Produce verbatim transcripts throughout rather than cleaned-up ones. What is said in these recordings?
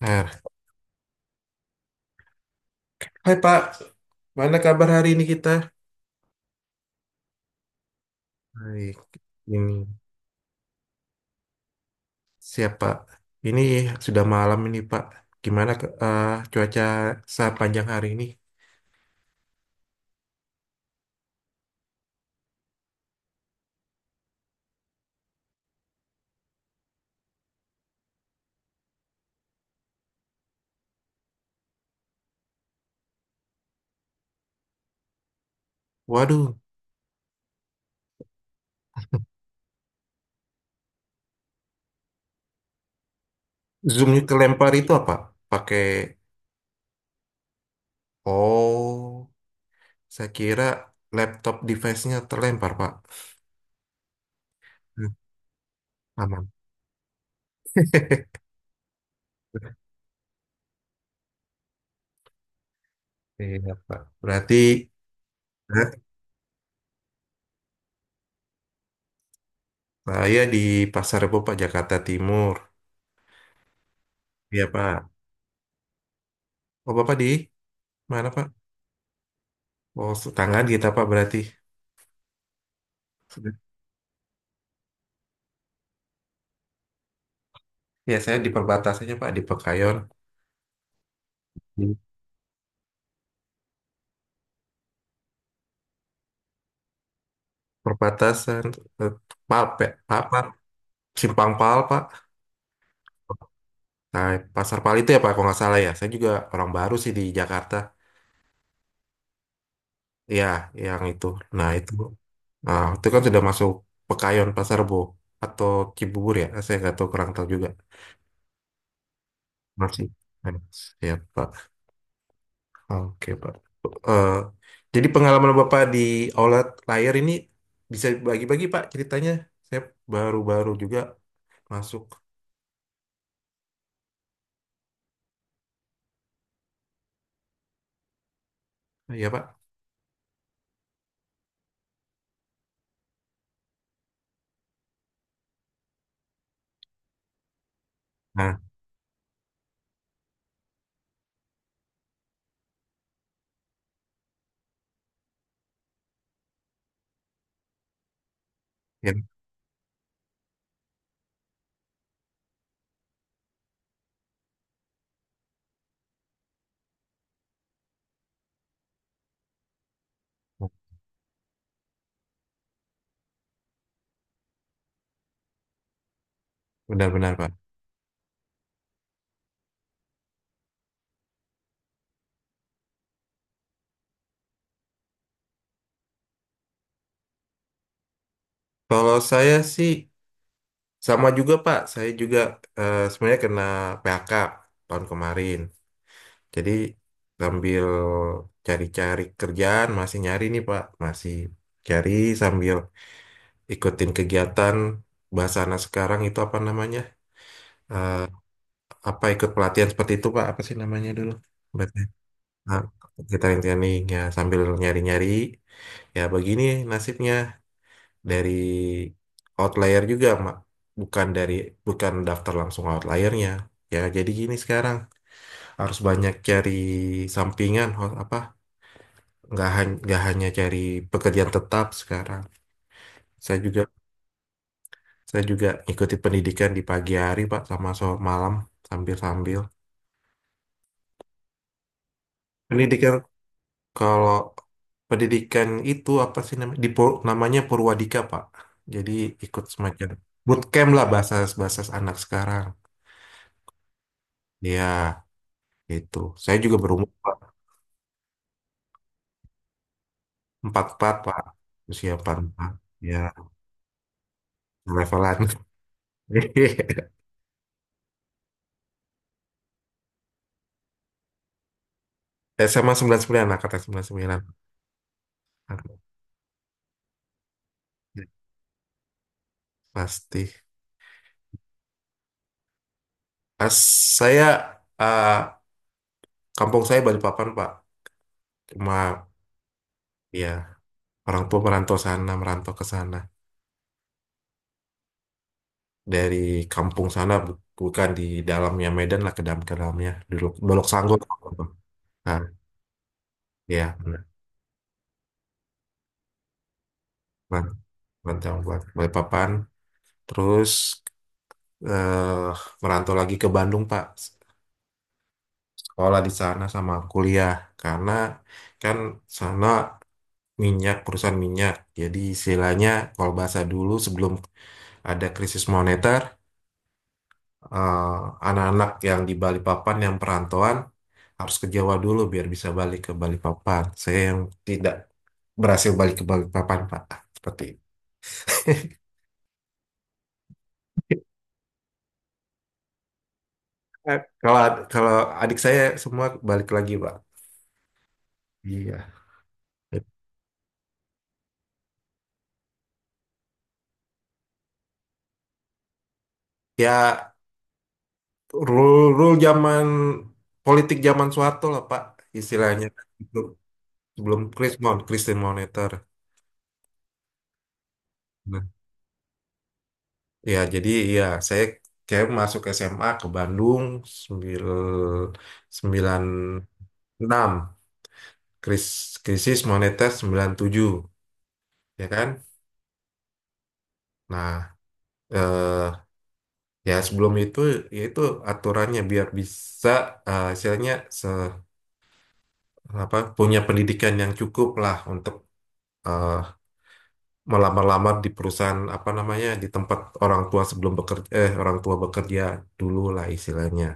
Nah, hai Pak, mana kabar hari ini kita? Baik, ini siapa? Ini sudah malam ini Pak. Gimana ke- eh, cuaca sepanjang hari ini? Waduh, zoomnya kelempar itu apa? Pakai, oh, saya kira laptop device-nya terlempar Pak. Hmm, aman. Iya Pak, berarti, eh, saya di Pasar Rebo Pak, Jakarta Timur. Iya Pak. Oh Bapak di mana Pak? Oh, tetanggaan kita Pak berarti. Ya, saya di perbatasannya, Pak, di Pekayon. Di perbatasan, eh, Palpe, apa? Simpang Pal, Pak. Nah, Pasar Pal itu ya, Pak, kalau nggak salah ya. Saya juga orang baru sih di Jakarta. Ya, yang itu. Nah, itu. Nah, itu kan sudah masuk Pekayon, Pasar Bo. Atau Cibubur ya. Saya nggak tahu, kurang tahu juga. Masih. Eh, Siap, Pak. Oke, Pak. Eh, jadi pengalaman Bapak di Oulet Layar ini bisa bagi-bagi, Pak, ceritanya. Saya baru-baru juga masuk. Iya, Pak. Nah, ya, benar-benar, Pak. Kalau saya sih sama juga, Pak. Saya juga, eh, sebenarnya kena P H K tahun kemarin. Jadi sambil cari-cari kerjaan, masih nyari nih, Pak. Masih cari sambil ikutin kegiatan, bahasa anak sekarang itu apa namanya? Eh, apa ikut pelatihan seperti itu, Pak? Apa sih namanya dulu? Berarti, nah, kita training ya sambil nyari-nyari. Ya begini nasibnya. Dari outlier juga mak, bukan dari, bukan daftar langsung outliernya. Ya jadi gini, sekarang harus banyak cari sampingan, ho- apa, nggak hanya nggak hanya cari pekerjaan tetap sekarang. Saya juga saya juga ikuti pendidikan di pagi hari pak, sama so malam, sambil sambil pendidikan. Kalau pendidikan itu apa sih namanya, di Pur- namanya Purwadika pak, jadi ikut semacam bootcamp lah, bahasa bahasa anak sekarang ya. Gitu. Saya juga berumur Pak. Empat puluh empat, Pak. Usia empat puluh empat. Ya, levelan. S M A sembilan puluh sembilan lah, kata sembilan angkatan sembilan puluh sembilan. Pasti. Ah, saya, ah, kampung saya Balikpapan, Pak. Cuma, ya, orang tua merantau sana, merantau ke sana. Dari kampung sana, bu- bukan di dalamnya Medan lah, ke dalam ke dalamnya. Dolok, Dolok Sanggur. Nah, ya, benar. Merantau buat Balikpapan. Terus, eh, merantau lagi ke Bandung Pak, sekolah di sana sama kuliah, karena kan sana minyak, perusahaan minyak, jadi istilahnya kalau bahasa dulu sebelum ada krisis moneter, eh, anak-anak yang di Balikpapan yang perantauan harus ke Jawa dulu biar bisa balik ke Balikpapan. Saya yang tidak berhasil balik ke Balikpapan Pak, seperti itu. Kalau kalau adik saya semua balik lagi Pak, iya. Ya rule-rule zaman politik zaman Soeharto lah Pak, istilahnya. Sebelum sebelum Chris Mon, Christian. Nah, ya jadi ya saya kayak masuk S M A ke Bandung sembil, sembilan enam, kris- krisis moneter sembilan tujuh ya kan. Nah, eh, ya sebelum itu ya itu aturannya biar bisa, eh, istilahnya, se, apa, punya pendidikan yang cukup lah untuk eh, melamar-lamar di perusahaan apa namanya di tempat orang tua sebelum bekerja, eh orang tua bekerja dulu lah istilahnya.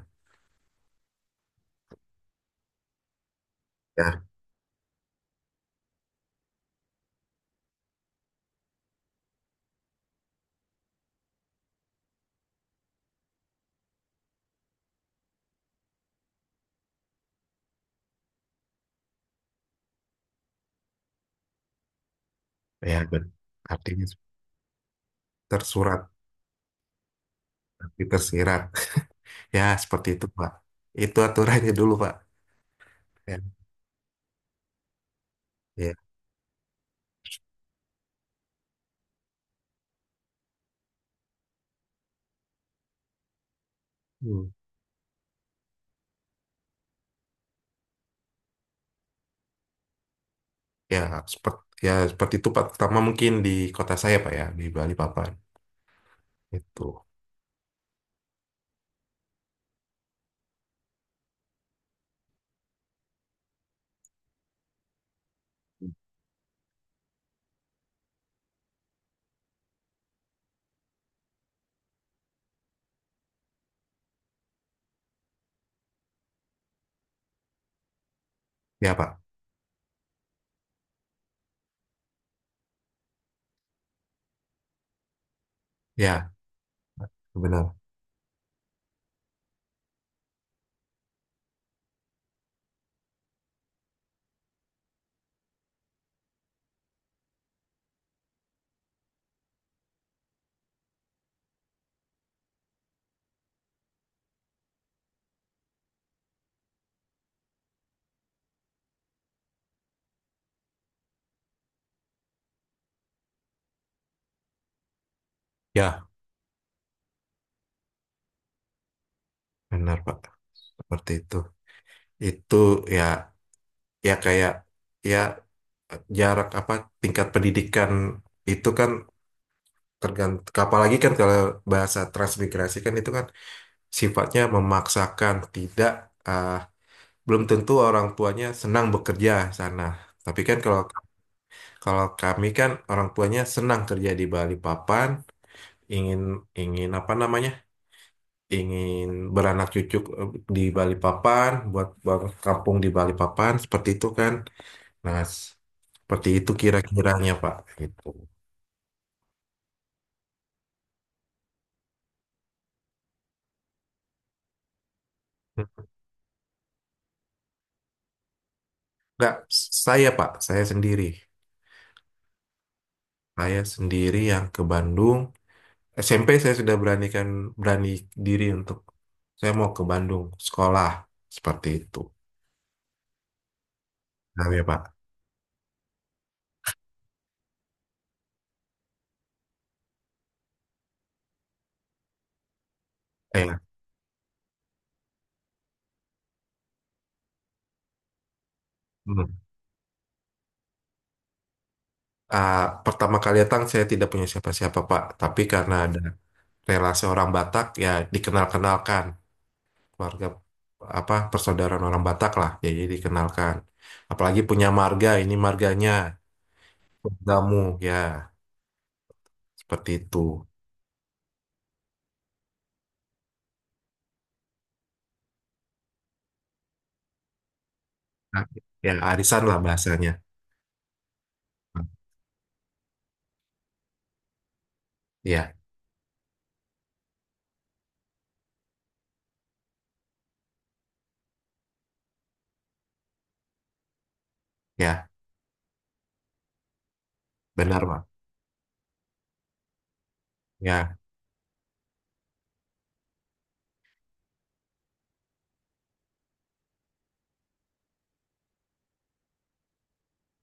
Ya, ya, ben- artinya tersurat tapi tersirat. Ya seperti itu Pak, itu aturannya dulu Pak. Ya, ya. Hmm. Ya seperti, ya seperti itu Pak, pertama mungkin di kota saya Pak, ya di Bali Papan itu. Ya Pak, ya benar. Ya benar Pak, seperti itu itu. Ya, ya, kayak ya, jarak apa, tingkat pendidikan itu kan tergantung, apalagi kan kalau bahasa transmigrasi kan itu kan sifatnya memaksakan, tidak, eh, belum tentu orang tuanya senang bekerja sana. Tapi kan kalau, kalau kami kan orang tuanya senang kerja di Bali Papan, ingin ingin apa namanya, ingin beranak cucu, eh, di Bali Papan, buat buat kampung di Bali Papan, seperti itu kan. Nah, s- seperti itu kira-kiranya, Pak. Gitu. Enggak, saya, Pak, saya sendiri. Saya sendiri yang ke Bandung. S M P saya sudah beranikan, berani diri untuk saya mau ke Bandung sekolah, seperti itu. Nah, ya, Pak. Eh, hmm. Ah, pertama kali datang saya tidak punya siapa-siapa, Pak. Tapi karena ada relasi orang Batak ya dikenal-kenalkan, keluarga apa, persaudaraan orang Batak lah. Ya, jadi dikenalkan. Apalagi punya marga, ini marganya. Kamu, ya seperti itu. Nah, ya arisan lah bahasanya. Ya, ya, benar Pak. Ya,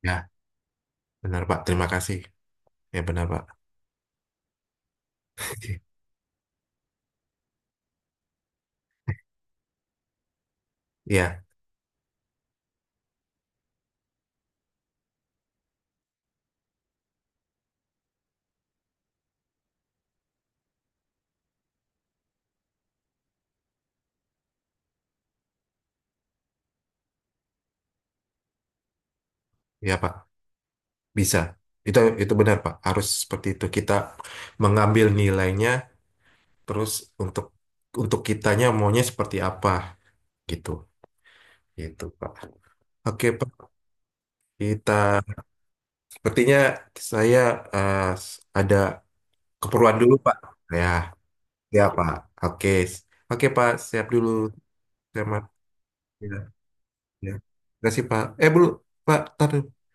ya, benar Pak. Terima kasih. Ya benar Pak. Ya, ya Pak. Bisa. Itu itu benar Pak. Harus seperti itu. Kita mengambil nilainya terus, untuk untuk kitanya maunya seperti apa, gitu. Gitu Pak. Oke Pak. Kita sepertinya, saya eh, ada keperluan dulu Pak. Ya. Ya, Pak. Oke. Oke, Pak. Siap dulu. Siap, Mas. Ya, ya. Terima kasih, Pak. Eh, dulu. Pak, taruh.